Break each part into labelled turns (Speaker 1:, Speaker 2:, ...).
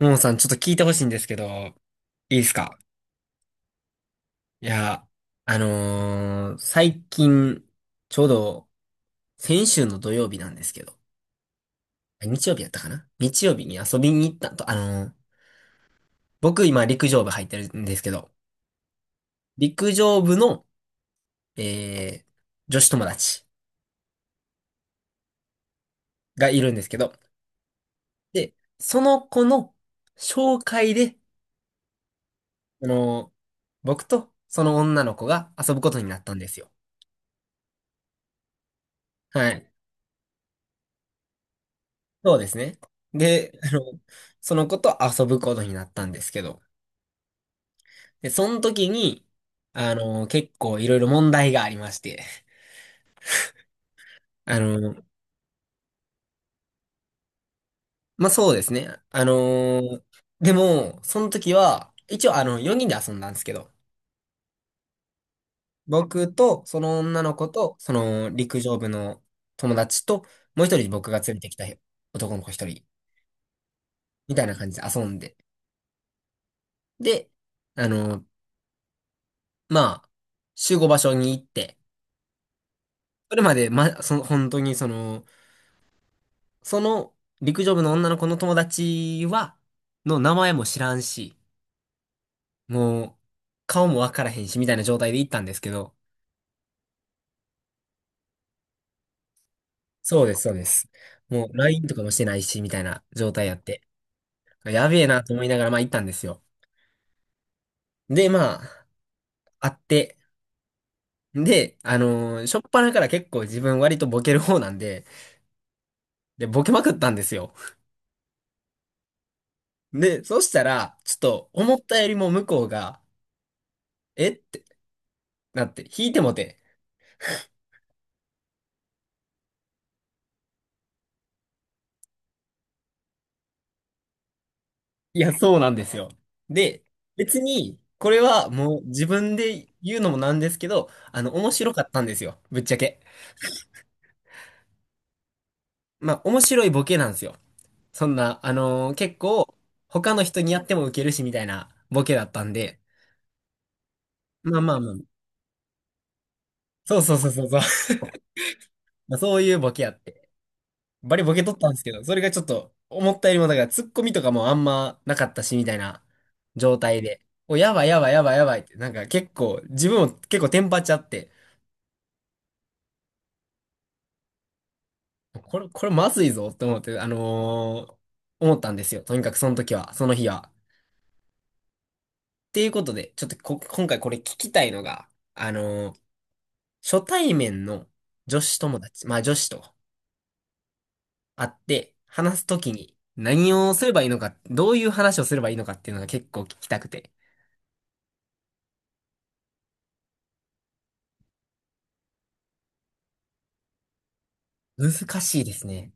Speaker 1: ももさん、ちょっと聞いてほしいんですけど、いいですか？いや、最近、ちょうど、先週の土曜日なんですけど、あ日曜日やったかな日曜日に遊びに行ったと、僕今陸上部入ってるんですけど、陸上部の、えー、女子友達がいるんですけど、で、その子の紹介で、あのー僕とその女の子が遊ぶことになったんですよ。はい。そうですね。で、その子と遊ぶことになったんですけど、で、その時に、結構いろいろ問題がありまして、あの、まあ、そうですね。でも、その時は、一応4人で遊んだんですけど、僕と、その女の子と、その陸上部の友達と、もう一人僕が連れてきた男の子一人、みたいな感じで遊んで、で、あの、まあ、集合場所に行って、それまで、ま、その、本当にその、その陸上部の女の子の友達は、の名前も知らんし、もう、顔もわからへんし、みたいな状態で行ったんですけど、そうです、そうです。もう、LINE とかもしてないし、みたいな状態やって、やべえなと思いながら、まあ行ったんですよ。で、まあ、会って、で、しょっぱなから結構自分割とボケる方なんで、で、ボケまくったんですよ。で、そしたら、ちょっと思ったよりも向こうが、えってなって、引いてもて、いや、そうなんですよ。で、別に、これはもう自分で言うのもなんですけど、面白かったんですよ。ぶっちゃけ。まあ、面白いボケなんですよ。そんな、結構、他の人にやってもウケるしみたいなボケだったんで、まあまあまあ、そうそうそうそうそう。まあ、そういうボケやって。バリボケ取ったんですけど、それがちょっと、思ったよりも、だから、ツッコミとかもあんまなかったし、みたいな状態で、お、やばいやばいやばいやばいって、なんか結構、自分も結構テンパっちゃって、これまずいぞって思って、思ったんですよ。とにかくその時は、その日は。っていうことで、ちょっとこ、今回これ聞きたいのが、あのー初対面の女子友達、まあ女子と会って話すときに何をすればいいのか、どういう話をすればいいのかっていうのが結構聞きたくて。難しいですね。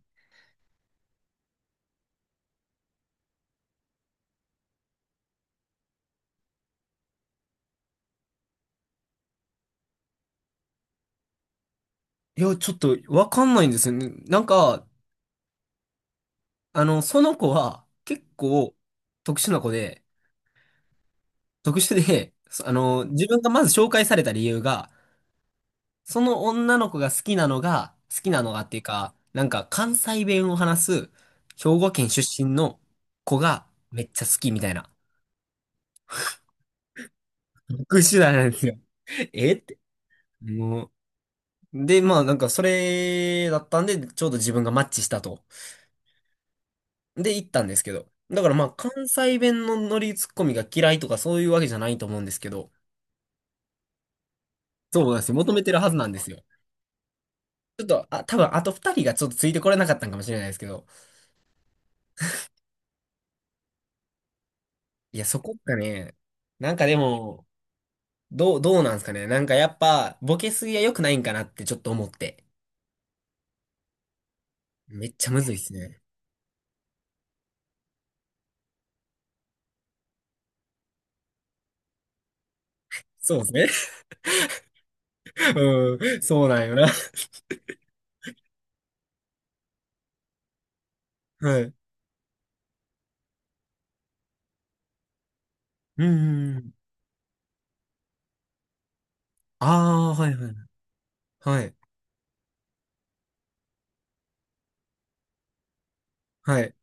Speaker 1: いや、ちょっとわかんないんですよね。なんか、その子は結構特殊な子で、特殊で、そあの、自分がまず紹介された理由が、その女の子が好きなのがっていうか、なんか関西弁を話す兵庫県出身の子がめっちゃ好きみたいな。特殊なんですよ。えって。もう。で、まあなんかそれだったんで、ちょうど自分がマッチしたと。で、行ったんですけど。だからまあ関西弁のノリツッコミが嫌いとかそういうわけじゃないと思うんですけど、そうなんですよ。求めてるはずなんですよ。ちょっと、あ、多分あと二人がちょっとついてこれなかったんかもしれないですけど、いや、そこがね、なんかでも、どうなんですかね。なんかやっぱ、ボケすぎは良くないんかなってちょっと思って。めっちゃむずいっすね。そうですね。うん、そうなんよな。はい。うんうんうん。ああ、はいはい。はい。はい。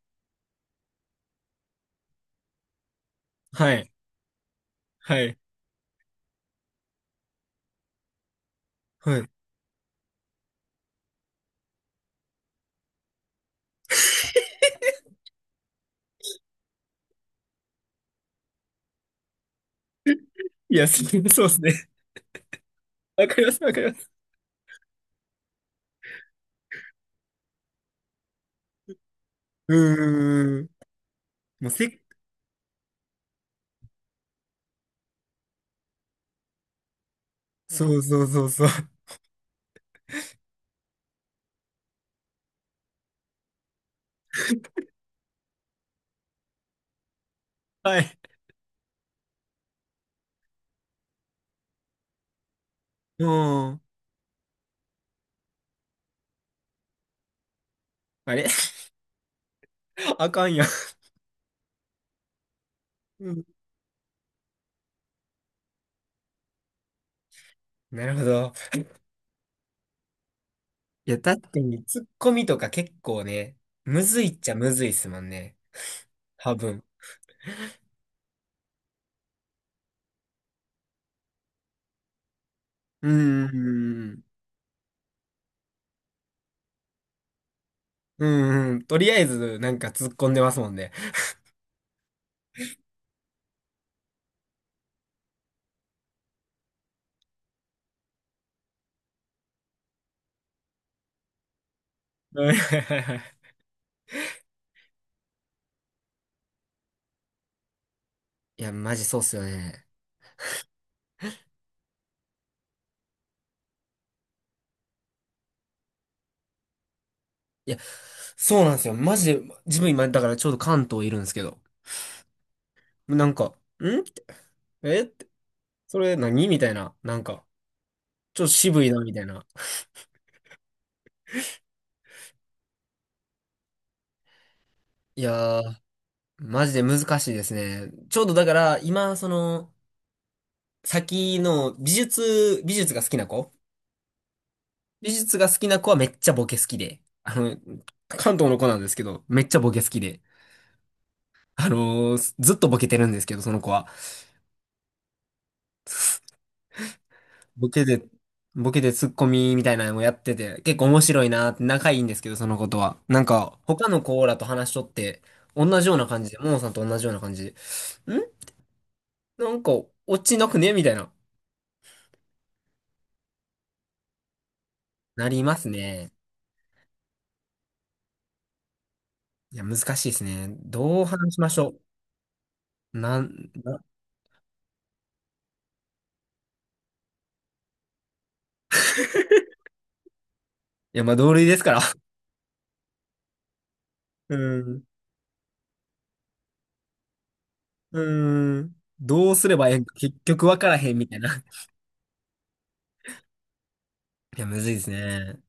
Speaker 1: はい。はい。はい。いや、そうそうですね。わかります、わかります。うーん。もうせそうそうそうそう。はい。うん。あれ あかんやん。うん、なるほど。いや、確かに、ツッコミとか結構ね、むずいっちゃむずいっすもんね。多分。うん、うん、うん、うん、とりあえず、なんか突っ込んでますもんね。うん、はいはいはい いや、マジそうっすよね。いや、そうなんですよ。マジで、自分今、だからちょうど関東いるんですけど、なんか、んえって、それ何みたいな、なんか、ちょっと渋いな、みたいな。いやー、マジで難しいですね。ちょうどだから、今、その、先の美術、美術が好きな子はめっちゃボケ好きで、あの、関東の子なんですけど、めっちゃボケ好きで、ずっとボケてるんですけど、その子は。ボケで、ボケでツッコミみたいなのもやってて、結構面白いなって仲いいんですけど、その子とは。なんか、他の子らと話しとって、同じような感じで、ももさんと同じような感じで、なんか、落ちなくねみたいな。なりますね。いや、難しいですね。どう話しましょう。なん、な、いや、まあ、同類ですから。うん。うん。どうすればええんか、結局わからへんみたいな。いや、むずいですね。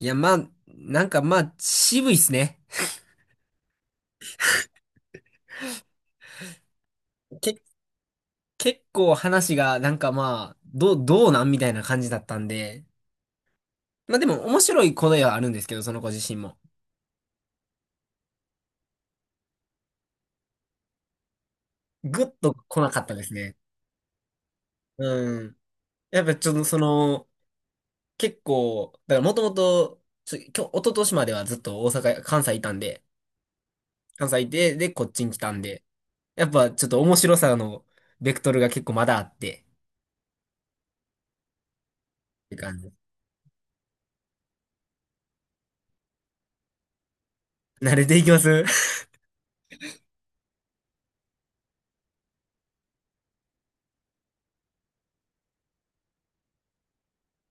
Speaker 1: いや、まあ、なんかまあ、渋いっすね。け、結構話が、なんかまあ、どうなんみたいな感じだったんで。まあでも、面白い答えはあるんですけど、その子自身も。ぐっと来なかったですね。うん。やっぱちょっとその、結構、だからもともと、ちょ、今日、一昨年まではずっと大阪、関西いたんで、関西いて、で、こっちに来たんで、やっぱちょっと面白さの、ベクトルが結構まだあって、っていう感じ。慣れていきます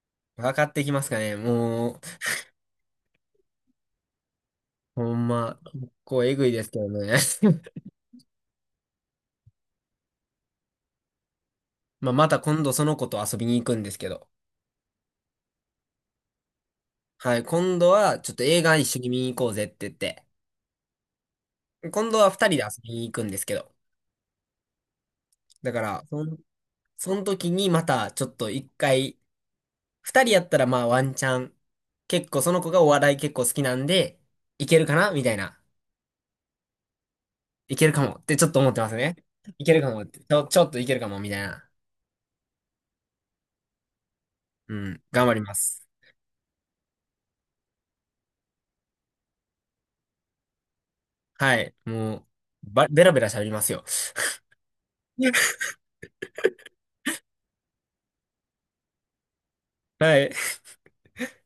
Speaker 1: 分かっていきますかね。もう、ほんま、結構えぐいですけどね。まあ、また今度その子と遊びに行くんですけど。はい、今度はちょっと映画一緒に見に行こうぜって言って。今度は二人で遊びに行くんですけど。だから、その時にまたちょっと一回、二人やったらまあワンチャン。結構その子がお笑い結構好きなんで、いけるかなみたいな。いけるかもってちょっと思ってますね。いけるかもって。ちょっといけるかもみたいな。うん、頑張ります。はい、もう、ベラベラ喋りますよ。はい。